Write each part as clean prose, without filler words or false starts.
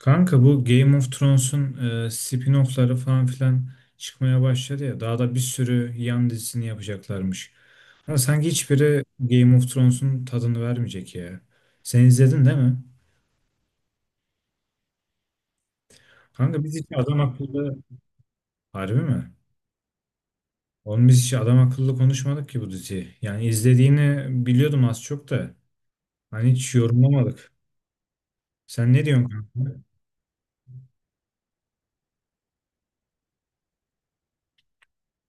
Kanka bu Game of Thrones'un spin-off'ları falan filan çıkmaya başladı ya. Daha da bir sürü yan dizisini yapacaklarmış. Ama sanki hiçbiri Game of Thrones'un tadını vermeyecek ya. Sen izledin değil mi? Kanka biz hiç adam akıllı... Harbi mi? Oğlum biz hiç adam akıllı konuşmadık ki bu diziyi. Yani izlediğini biliyordum az çok da. Hani hiç yorumlamadık. Sen ne diyorsun kanka?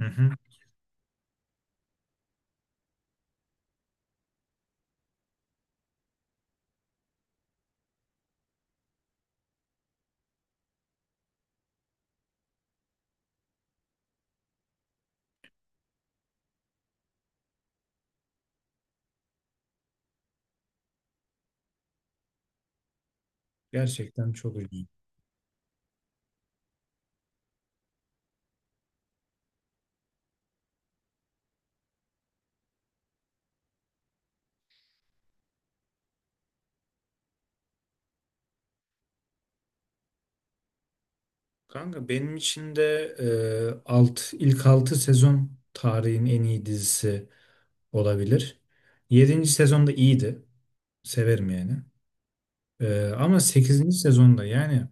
Hı hı. Gerçekten çok üzücü. Kanka benim için de ilk 6 sezon tarihin en iyi dizisi olabilir. 7. sezonda iyiydi. Severim yani. Ama 8. sezonda yani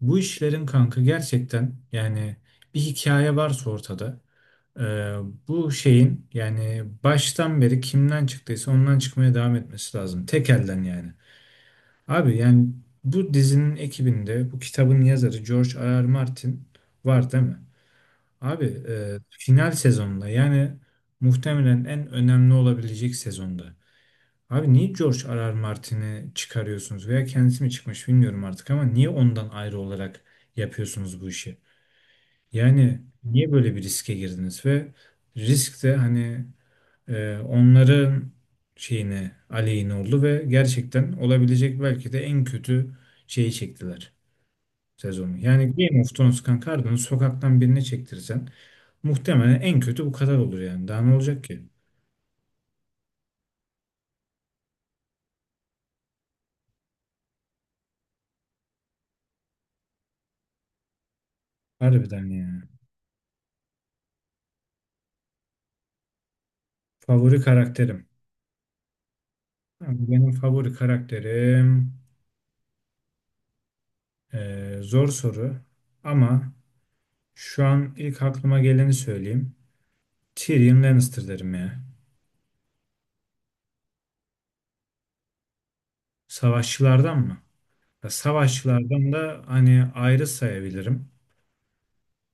bu işlerin kanka gerçekten yani bir hikaye varsa ortada e, bu şeyin yani baştan beri kimden çıktıysa ondan çıkmaya devam etmesi lazım. Tek elden yani. Abi yani bu dizinin ekibinde bu kitabın yazarı George R. R. Martin var değil mi? Abi final sezonda yani muhtemelen en önemli olabilecek sezonda. Abi niye George R.R. Martin'i çıkarıyorsunuz veya kendisi mi çıkmış bilmiyorum artık ama niye ondan ayrı olarak yapıyorsunuz bu işi? Yani niye böyle bir riske girdiniz ve risk de hani onların şeyine aleyhine oldu ve gerçekten olabilecek belki de en kötü şeyi çektiler sezonu. Yani Game of Thrones kanka harbiden sokaktan birine çektirsen muhtemelen en kötü bu kadar olur yani. Daha ne olacak ki? Harbiden yani. Favori karakterim. Abi benim favori karakterim zor soru ama şu an ilk aklıma geleni söyleyeyim. Tyrion Lannister derim ya. Savaşçılardan mı? Ya savaşçılardan da hani ayrı sayabilirim.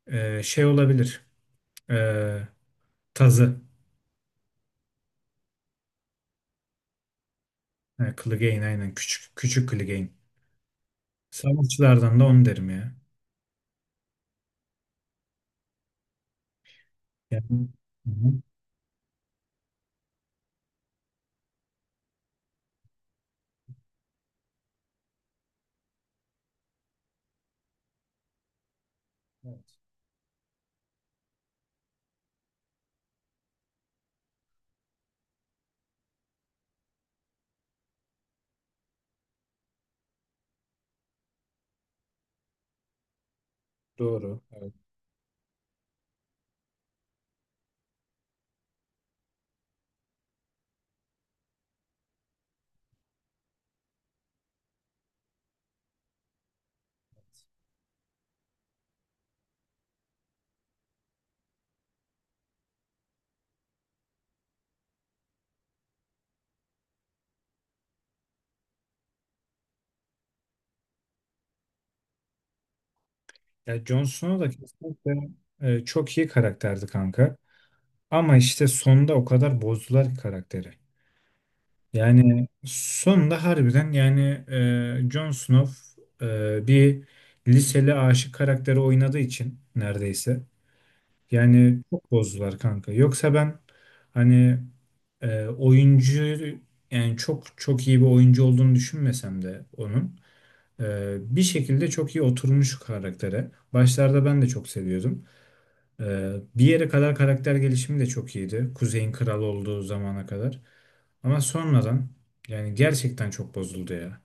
Şey olabilir. Eee, Tazı. Ha, Clegane aynen. Küçük, küçük Clegane. Savaşçılardan da onu derim ya. Yani, hı hı. Evet, doğru. Evet. Ya Jon Snow da kesinlikle çok iyi karakterdi kanka. Ama işte sonda o kadar bozdular ki karakteri. Yani sonda harbiden yani Jon Snow bir liseli aşık karakteri oynadığı için neredeyse. Yani çok bozdular kanka. Yoksa ben hani oyuncu yani çok çok iyi bir oyuncu olduğunu düşünmesem de onun. Bir şekilde çok iyi oturmuş karaktere. Başlarda ben de çok seviyordum. Bir yere kadar karakter gelişimi de çok iyiydi. Kuzey'in kralı olduğu zamana kadar. Ama sonradan yani gerçekten çok bozuldu ya.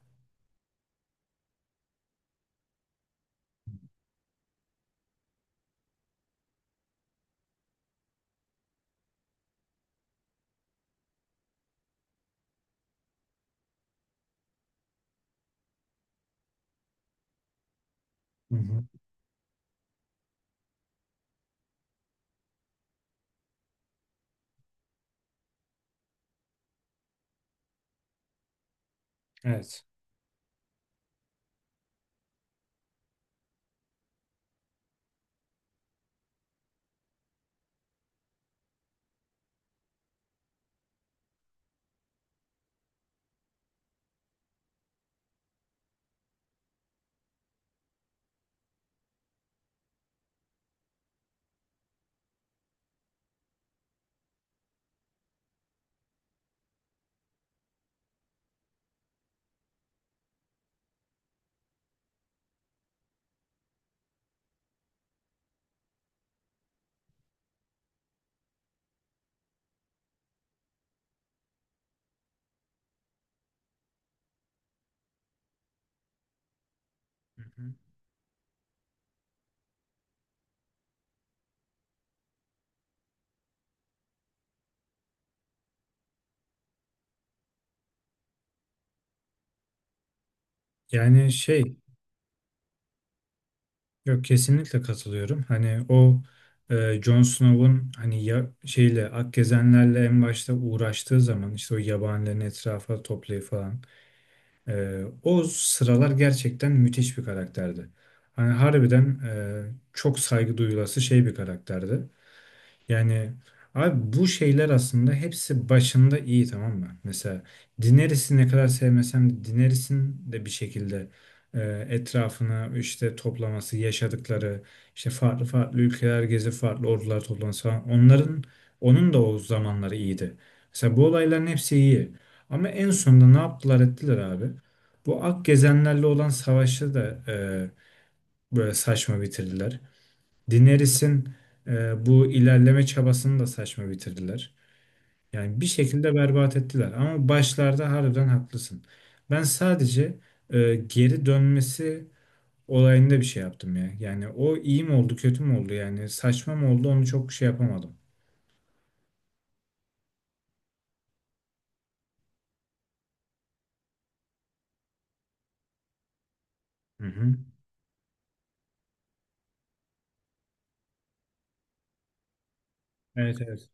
Hı hı. Evet. Hı hı. Yani şey yok, kesinlikle katılıyorum. Hani o Jon Snow'un hani ya, şeyle Akgezenlerle en başta uğraştığı zaman işte o yabanilerin etrafa toplayıp falan. O sıralar gerçekten müthiş bir karakterdi. Hani harbiden çok saygı duyulası şey bir karakterdi. Yani abi bu şeyler aslında hepsi başında iyi, tamam mı? Mesela Daenerys'i ne kadar sevmesem de Daenerys'in de bir şekilde e, etrafını işte toplaması, yaşadıkları, işte farklı farklı ülkeler gezip farklı ordular toplaması falan onların onun da o zamanları iyiydi. Mesela bu olayların hepsi iyi. Ama en sonunda ne yaptılar ettiler abi? Bu Ak Gezenlerle olan savaşı da böyle saçma bitirdiler. Daenerys'in bu ilerleme çabasını da saçma bitirdiler. Yani bir şekilde berbat ettiler. Ama başlarda harbiden haklısın. Ben sadece geri dönmesi olayında bir şey yaptım ya. Yani o iyi mi oldu, kötü mü oldu? Yani saçma mı oldu? Onu çok şey yapamadım. Hı hı. Evet, evet.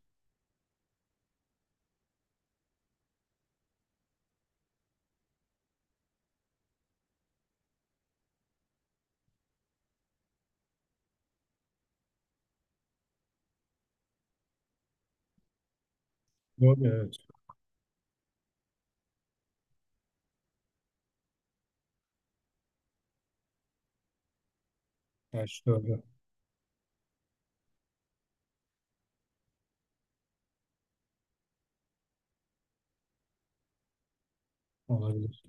Doğru, evet. Baş doğru. Olabilir.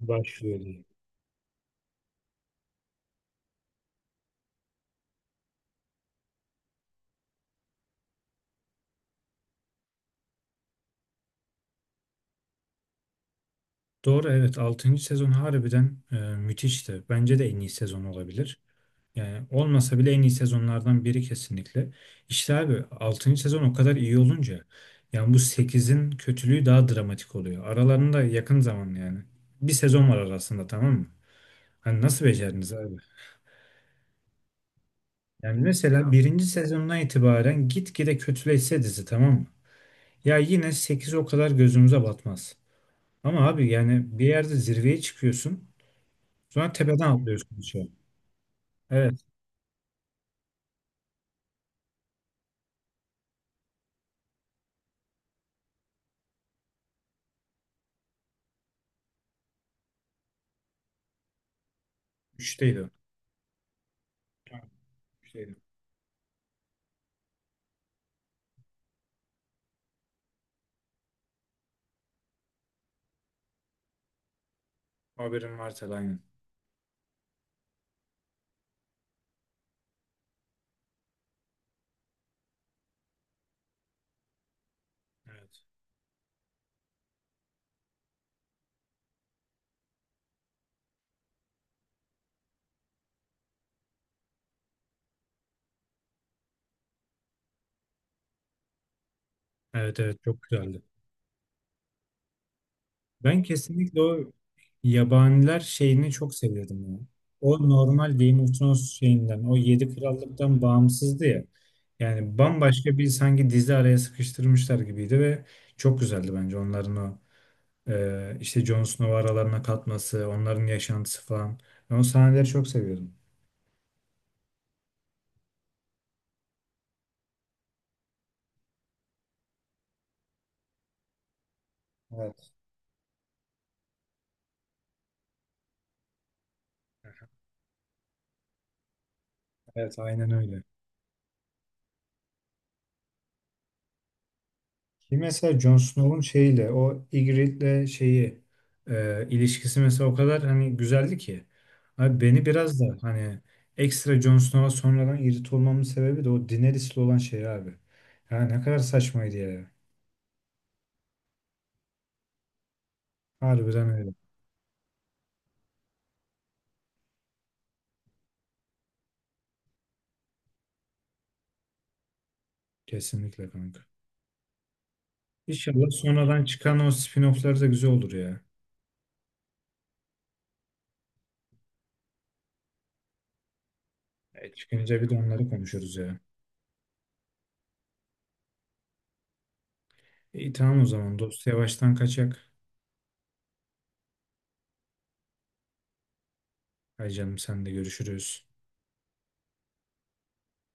Başlıyor diye. Doğru, evet. Altıncı sezon harbiden müthişti. Bence de en iyi sezon olabilir. Yani olmasa bile en iyi sezonlardan biri kesinlikle. İşte abi altıncı sezon o kadar iyi olunca yani bu sekizin kötülüğü daha dramatik oluyor. Aralarında yakın zaman yani. Bir sezon var arasında, tamam mı? Hani nasıl becerdiniz abi? Yani mesela birinci sezondan itibaren gitgide kötüleşse dizi, tamam mı? Ya yine 8 o kadar gözümüze batmaz. Ama abi yani bir yerde zirveye çıkıyorsun sonra tepeden atlıyorsun aşağı. Evet. 3'teydi o. Tamam, üçteydi. Haberin varsa aynen. Evet. Evet, evet, çok güzeldi. Ben kesinlikle o yabaniler şeyini çok seviyordum ya. O normal Game of Thrones şeyinden, o Yedi Krallık'tan bağımsızdı ya. Yani bambaşka bir sanki dizi araya sıkıştırmışlar gibiydi ve çok güzeldi bence onların o işte Jon Snow'u aralarına katması, onların yaşantısı falan. Ben o sahneleri çok seviyordum. Evet, evet aynen öyle. Ki mesela Jon Snow'un şeyiyle o Ygritte'le şeyi ilişkisi mesela o kadar hani güzeldi ki. Abi beni biraz da hani ekstra Jon Snow'a sonradan irrit olmamın sebebi de o Daenerys'le olan şey abi. Ya ne kadar saçmaydı ya. Harbiden öyle. Kesinlikle kanka. İnşallah sonradan çıkan o spin-off'lar da güzel olur ya. E, çıkınca bir de onları konuşuruz ya. İyi, tamam o zaman dost yavaştan kaçak. Hay canım sen de, görüşürüz.